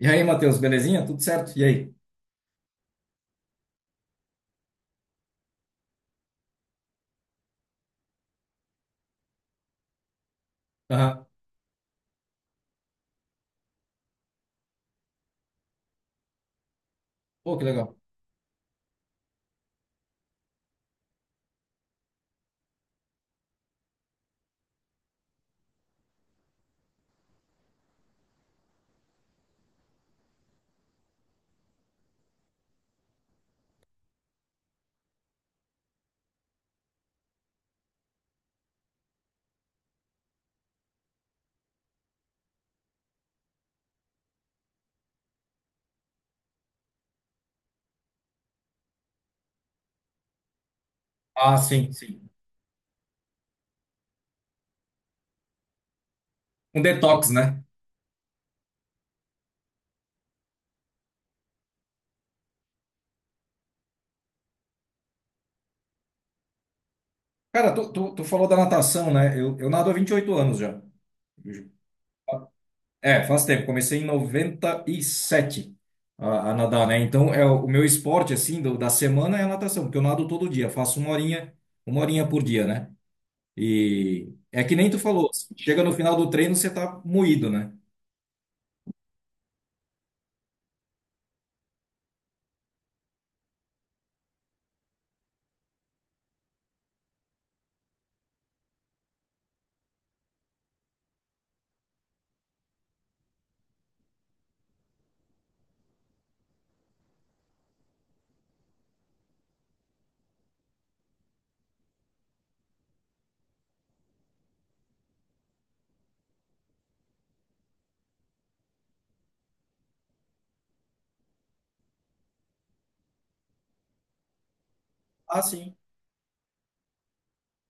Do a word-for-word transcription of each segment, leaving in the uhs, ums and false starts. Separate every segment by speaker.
Speaker 1: E aí, Matheus, belezinha? Tudo certo? E aí? Aham. Pô, que legal. Ah, sim, sim. Um detox, né? Cara, tu, tu, tu falou da natação, né? Eu, eu nado há vinte e oito anos já. É, faz tempo. Comecei em noventa e sete a, a nadar, né? Então, é o o meu esporte, assim, do- da semana é a natação, porque eu nado todo dia. Faço uma horinha, uma horinha por dia, né? E é que nem tu falou, assim. Chega no final do treino, você tá moído, né? Ah, sim.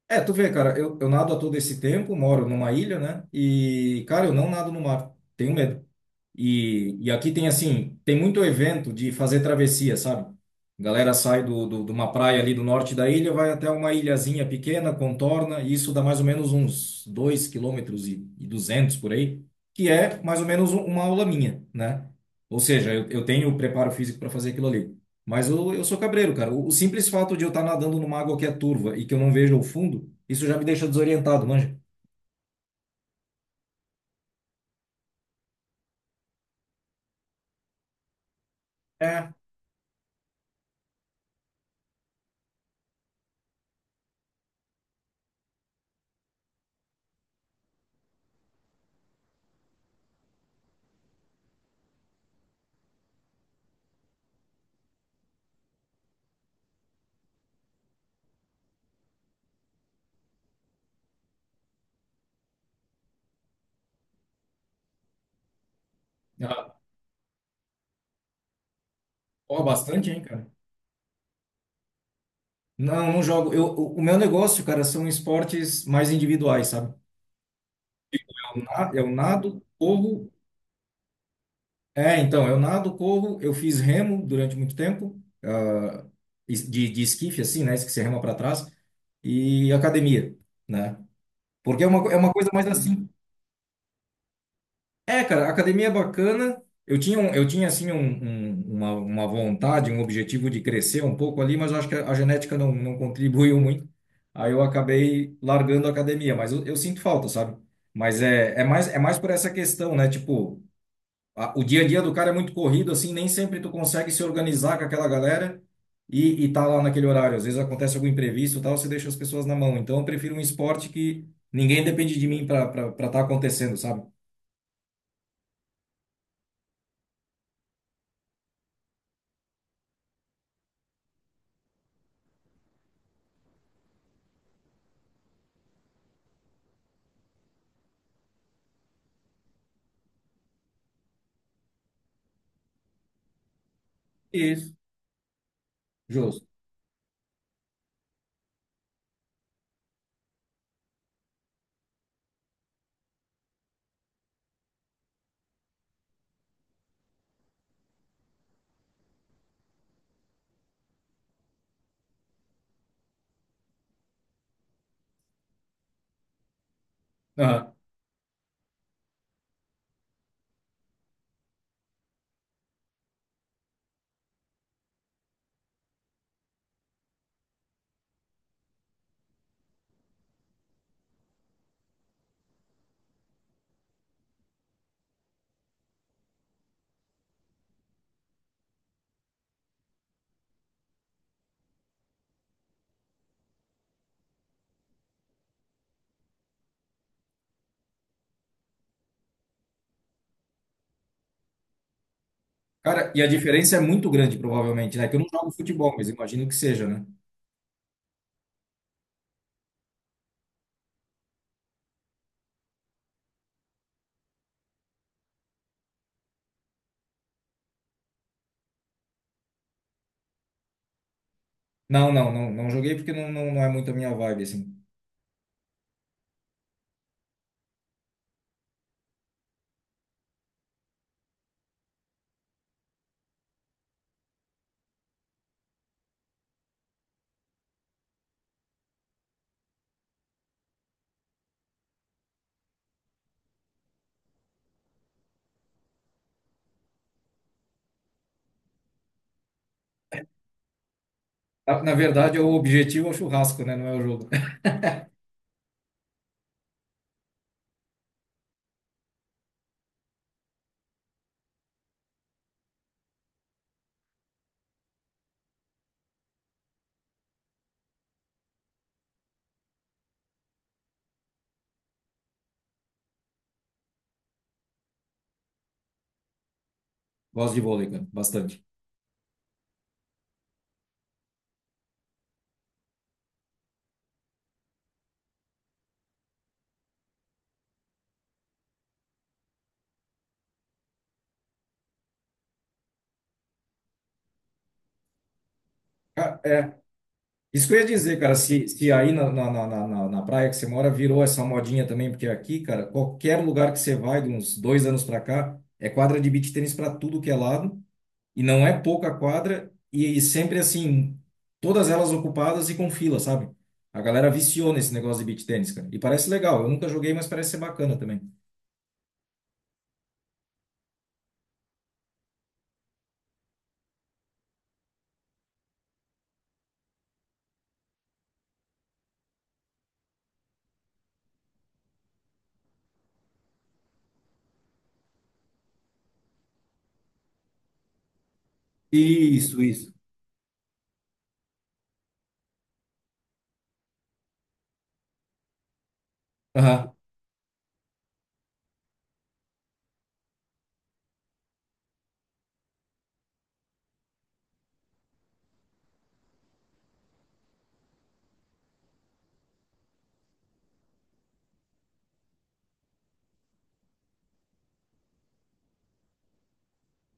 Speaker 1: É, tu vê, cara, eu, eu nado há todo esse tempo, moro numa ilha, né? E, cara, eu não nado no mar. Tenho medo. E, e aqui tem assim, tem muito evento de fazer travessia, sabe? A galera sai do, do, de uma praia ali do norte da ilha, vai até uma ilhazinha pequena, contorna, e isso dá mais ou menos uns dois quilômetros e duzentos por aí, que é mais ou menos um- uma aula minha, né? Ou seja, eu, eu tenho o preparo físico para fazer aquilo ali. Mas eu, eu sou cabreiro, cara. O, o simples fato de eu estar nadando numa água que é turva e que eu não vejo o fundo, isso já me deixa desorientado, manja. É. Ah, ó, bastante, hein, cara. Não, não jogo. Eu, o o meu negócio, cara, são esportes mais individuais, sabe? Eu, na- eu nado, corro. É, então, eu nado, corro. Eu fiz remo durante muito tempo, ah, es- de, de esquife, assim, né? Que você rema para trás. E academia, né? Porque é uma, co- é uma coisa mais assim. É, cara, a academia é bacana. Eu tinha, um, eu tinha assim, um- um- uma, uma vontade, um objetivo de crescer um pouco ali, mas eu acho que a a genética não, não contribuiu muito. Aí eu acabei largando a academia, mas eu, eu sinto falta, sabe? Mas é, é mais, é mais por essa questão, né? Tipo, a- o dia a dia do cara é muito corrido, assim, nem sempre tu consegue se organizar com aquela galera e, e tá lá naquele horário. Às vezes acontece algum imprevisto e tal, você deixa as pessoas na mão. Então eu prefiro um esporte que ninguém depende de mim para estar acontecendo, sabe? Isso. Justo. Aham. Cara, e a diferença é muito grande, provavelmente, né? Que eu não jogo futebol, mas imagino que seja, né? Não, não, não, não joguei porque não, não, não é muito a minha vibe, assim. Na, na verdade, o objetivo é o churrasco, né? Não é o jogo. Gosto de vôlei, cara, bastante. Ca- É, isso que eu ia dizer, cara, se, se aí na, na, na, na, na na praia que você mora virou essa modinha também, porque aqui, cara, qualquer lugar que você vai, de uns dois anos pra cá, é quadra de beach tênis pra tudo que é lado. E não é pouca quadra, e e sempre assim, todas elas ocupadas e com fila, sabe? A galera viciou nesse negócio de beach tennis, cara. E parece legal. Eu nunca joguei, mas parece ser bacana também. Isso, isso. Aham.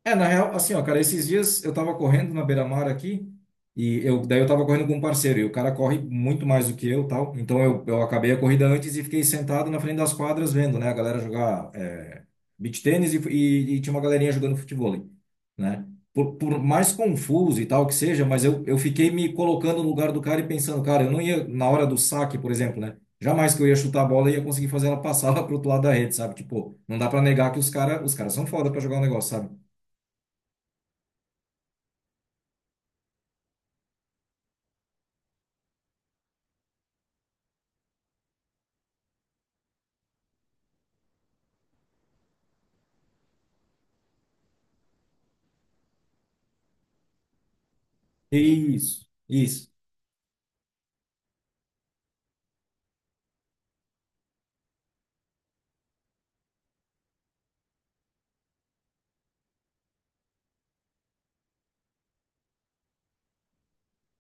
Speaker 1: É, na real, assim, ó, cara, esses dias eu tava correndo na beira-mar aqui, e eu, daí eu tava correndo com um parceiro, e o cara corre muito mais do que eu, tal. Então eu, eu acabei a corrida antes e fiquei sentado na frente das quadras vendo, né, a galera jogar, é, beach tênis, e, fu- e, e tinha uma galerinha jogando futevôlei, né? Por, por mais confuso e tal que seja, mas eu, eu fiquei me colocando no lugar do cara e pensando, cara, eu não ia, na hora do saque, por exemplo, né? Jamais que eu ia chutar a bola e ia conseguir fazer ela passar lá pro outro lado da rede, sabe? Tipo, não dá pra negar que os cara, os caras são foda pra jogar o negócio, sabe? Isso, isso.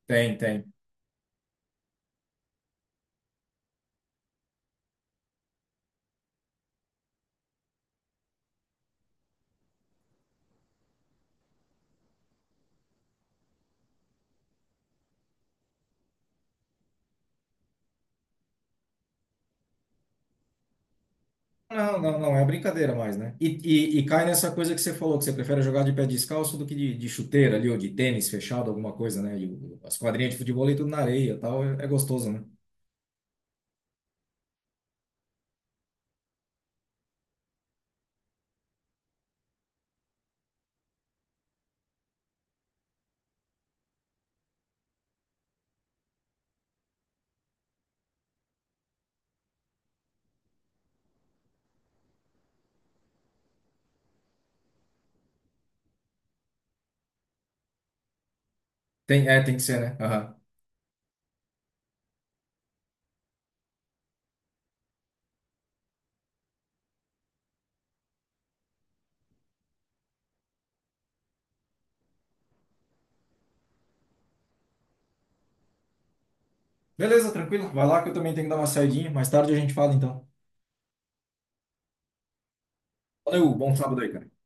Speaker 1: Tem, tem. Não, não, não, é brincadeira mais, né? E, e e cai nessa coisa que você falou, que você prefere jogar de pé descalço do que de, de chuteira ali, ou de tênis fechado, alguma coisa, né? E o- as quadrinhas de futebol e tudo na areia e tal, é, é gostoso, né? Tem, é, tem que ser, né? Aham. Beleza, tranquilo. Vai lá que eu também tenho que dar uma saidinha. Mais tarde a gente fala, então. Valeu, bom sábado aí, cara.